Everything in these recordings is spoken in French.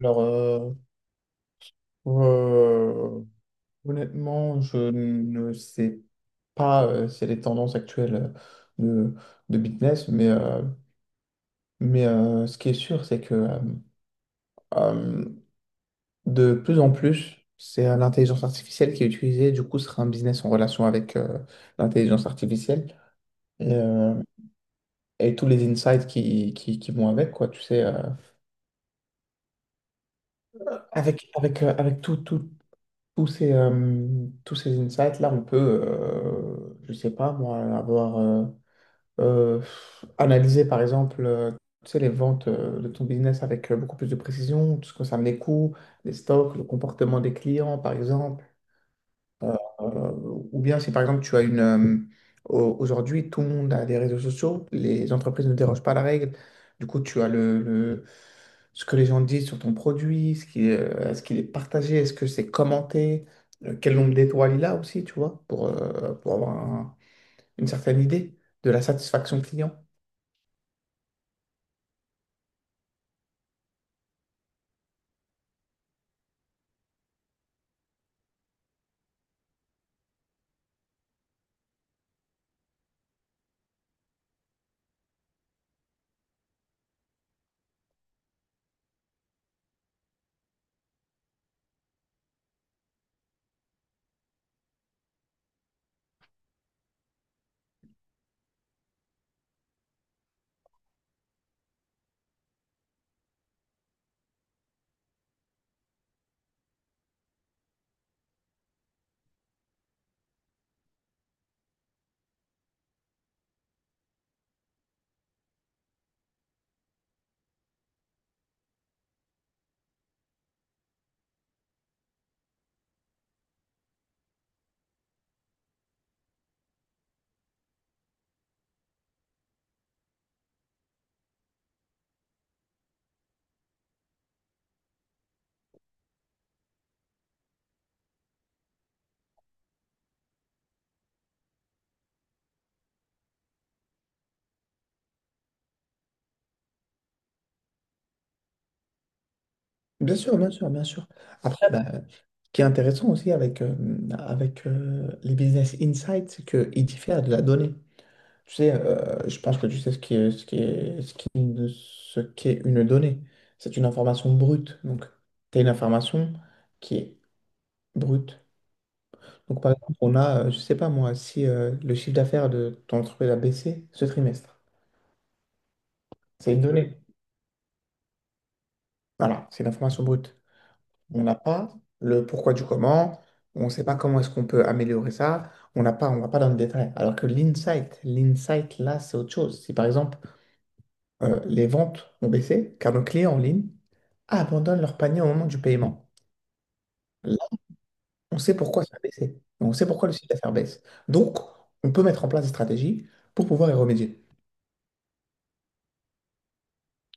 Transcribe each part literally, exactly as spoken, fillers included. Alors, euh, euh, Honnêtement, je ne sais pas euh, c'est les tendances actuelles euh, de, de business, mais, euh, mais euh, ce qui est sûr, c'est que euh, euh, de plus en plus, c'est euh, l'intelligence artificielle qui est utilisée. Du coup, ce sera un business en relation avec euh, l'intelligence artificielle et, euh, et tous les insights qui, qui, qui vont avec, quoi. Tu sais, euh, avec, avec, euh, avec tout, tout, tous ces, euh, tous ces insights-là, on peut, euh, je sais pas moi, avoir euh, euh, analysé par exemple euh, tu sais, les ventes euh, de ton business avec euh, beaucoup plus de précision, tout ce que ça met coût, les stocks, le comportement des clients par exemple, euh, ou bien si par exemple tu as une... euh, au- aujourd'hui, tout le monde a des réseaux sociaux, les entreprises ne dérogent pas à la règle. Du coup, tu as le, le- ce que les gens disent sur ton produit, ce qui, est- euh, est-ce qu'il est partagé, est-ce que c'est commenté, euh, quel nombre d'étoiles il a aussi, tu vois, pour, euh, pour avoir un- une certaine idée de la satisfaction client. Bien sûr, bien sûr, bien sûr. Après, bah, ce qui est intéressant aussi avec, euh, avec euh, les business insights, c'est qu'ils diffèrent de la donnée. Tu sais, euh, je pense que tu sais ce qui est, ce qui est, ce qui est une, ce qu'est une donnée. C'est une information brute. Donc, tu as une information qui est brute. Donc, par exemple, on a, euh, je sais pas moi, si euh, le chiffre d'affaires de ton entreprise a baissé ce trimestre, c'est une donnée. Voilà, c'est une information brute. On n'a pas le pourquoi du comment, on ne sait pas comment est-ce qu'on peut améliorer ça, on n'a pas, on va pas dans le détail. Alors que l'insight, l'insight là, c'est autre chose. Si par exemple, euh, les ventes ont baissé, car nos clients en ligne abandonnent leur panier au moment du paiement, là, on sait pourquoi ça a baissé. On sait pourquoi le chiffre d'affaires baisse. Donc, on peut mettre en place des stratégies pour pouvoir y remédier.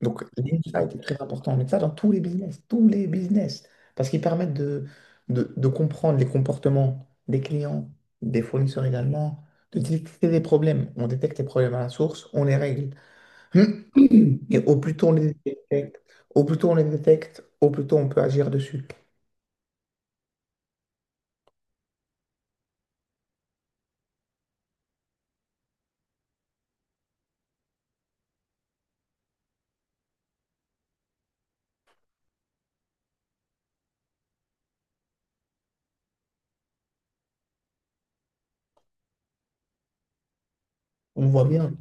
Donc, l'insight est très important, mais ça dans tous les business, tous les business, parce qu'ils permettent de, de, de comprendre les comportements des clients, des fournisseurs également, de détecter des problèmes. On détecte les problèmes à la source, on les règle. Et au plus tôt on les détecte, au plus tôt on les détecte, au plus tôt on peut agir dessus. On voit bien,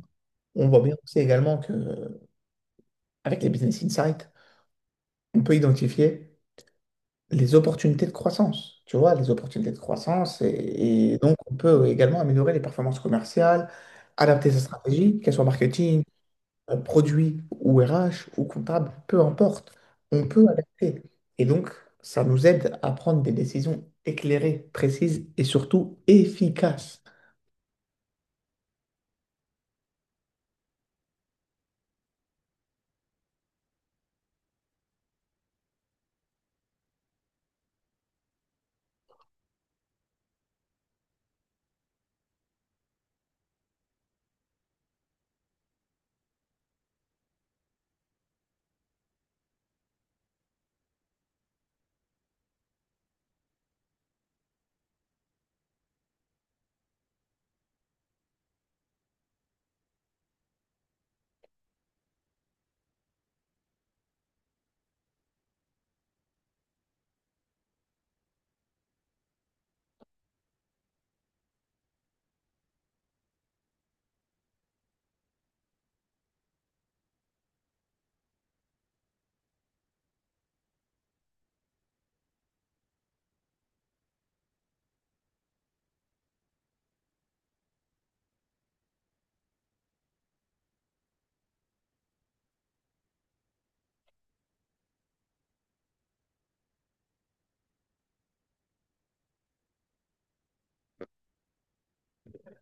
on voit bien aussi également que euh, avec les business insights, on peut identifier les opportunités de croissance, tu vois, les opportunités de croissance. Et, et donc, on peut également améliorer les performances commerciales, adapter sa stratégie, qu'elle soit marketing, euh, produit ou R H ou comptable, peu importe. On peut adapter. Et donc, ça nous aide à prendre des décisions éclairées, précises et surtout efficaces.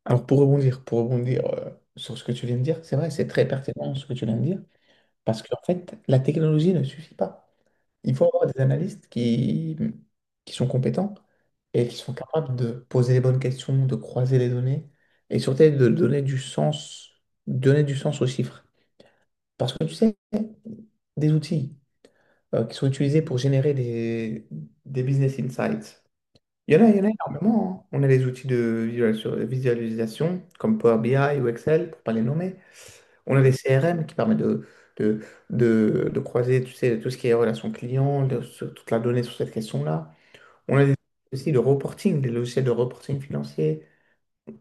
Alors, pour rebondir, pour rebondir euh, sur ce que tu viens de dire, c'est vrai, c'est très pertinent ce que tu viens de dire, parce qu'en fait, la technologie ne suffit pas. Il faut avoir des analystes qui, qui sont compétents et qui sont capables de poser les bonnes questions, de croiser les données et surtout de donner du sens, donner du sens aux chiffres. Parce que tu sais, des outils euh, qui sont utilisés pour générer des, des business insights, il y en a, il y en a énormément, hein. On a les outils de visualis- visualisation comme Power B I ou Excel, pour ne pas les nommer. On a des C R M qui permettent de, de, de, de croiser, tu sais, tout ce qui est relation client, de- sur toute la donnée sur cette question-là. On a des, aussi de reporting, des logiciels de reporting financier.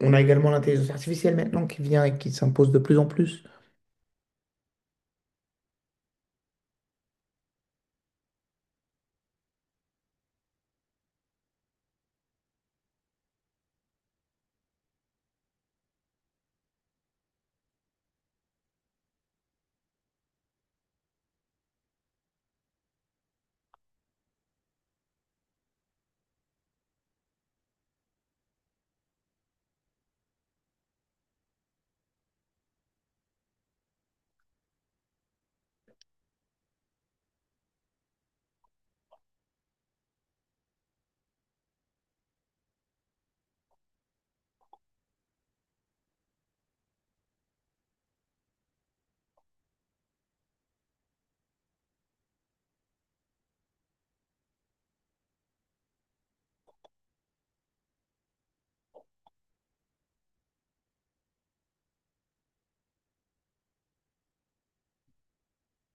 On a également l'intelligence artificielle maintenant qui vient et qui s'impose de plus en plus.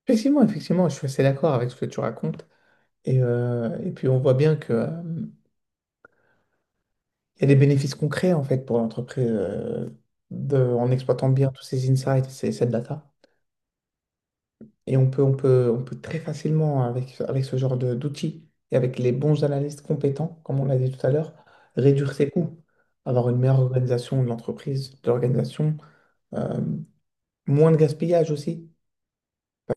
Effectivement, effectivement, je suis assez d'accord avec ce que tu racontes. Et, euh, et puis on voit bien que, euh, il y a des bénéfices concrets en fait pour l'entreprise euh, de, en exploitant bien tous ces insights, ces, cette data. Et on peut, on peut, on peut très facilement, avec, avec ce genre de- d'outils et avec les bons analystes compétents, comme on l'a dit tout à l'heure, réduire ses coûts, avoir une meilleure organisation de l'entreprise, de l'organisation, euh, moins de gaspillage aussi,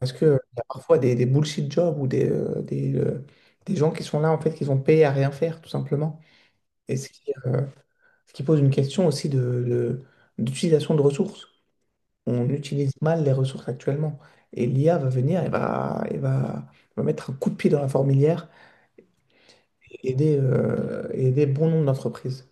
parce que euh, il y a parfois des, des bullshit jobs ou des, euh, des, euh, des gens qui sont là, en fait, qui sont payés à rien faire, tout simplement. Et ce qui, euh, ce qui pose une question aussi de, de- d'utilisation de ressources, on utilise mal les ressources actuellement. Et l'I A va venir et va, et va, va mettre un coup de pied dans la fourmilière et aider, euh, et aider bon nombre d'entreprises.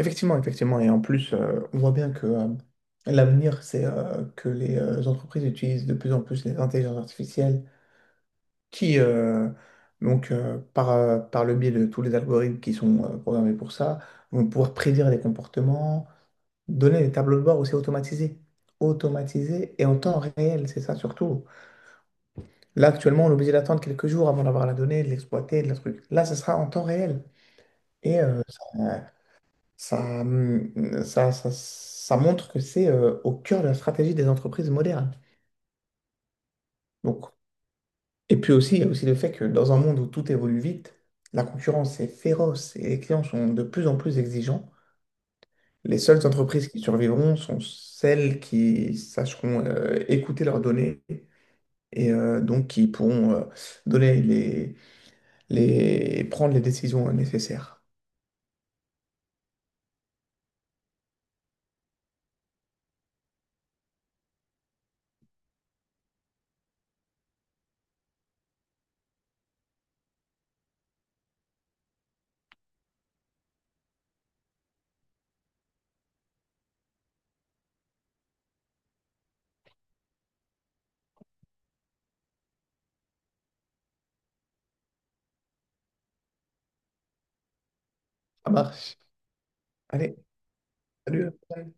Effectivement, effectivement. Et en plus, euh, on voit bien que euh, l'avenir, c'est euh, que les euh, entreprises utilisent de plus en plus les intelligences artificielles qui, euh, donc, euh, par, euh, par le biais de tous les algorithmes qui sont euh, programmés pour ça, vont pouvoir prédire les comportements, donner des tableaux de bord aussi automatisés. Automatisés et en temps réel, c'est ça surtout. Là, actuellement, on est obligé d'attendre quelques jours avant d'avoir la donnée, de l'exploiter, de la truc. Là, ça sera en temps réel. Et euh, ça, ça, hum, ça, ça- ça montre que c'est euh, au cœur de la stratégie des entreprises modernes. Donc, et puis aussi, il y a aussi le fait que dans un monde où tout évolue vite, la concurrence est féroce et les clients sont de plus en plus exigeants. Les seules entreprises qui survivront sont celles qui sacheront euh, écouter leurs données et euh, donc qui pourront euh, donner les les... prendre les décisions nécessaires. Ça marche. Allez, salut. À la prochaine.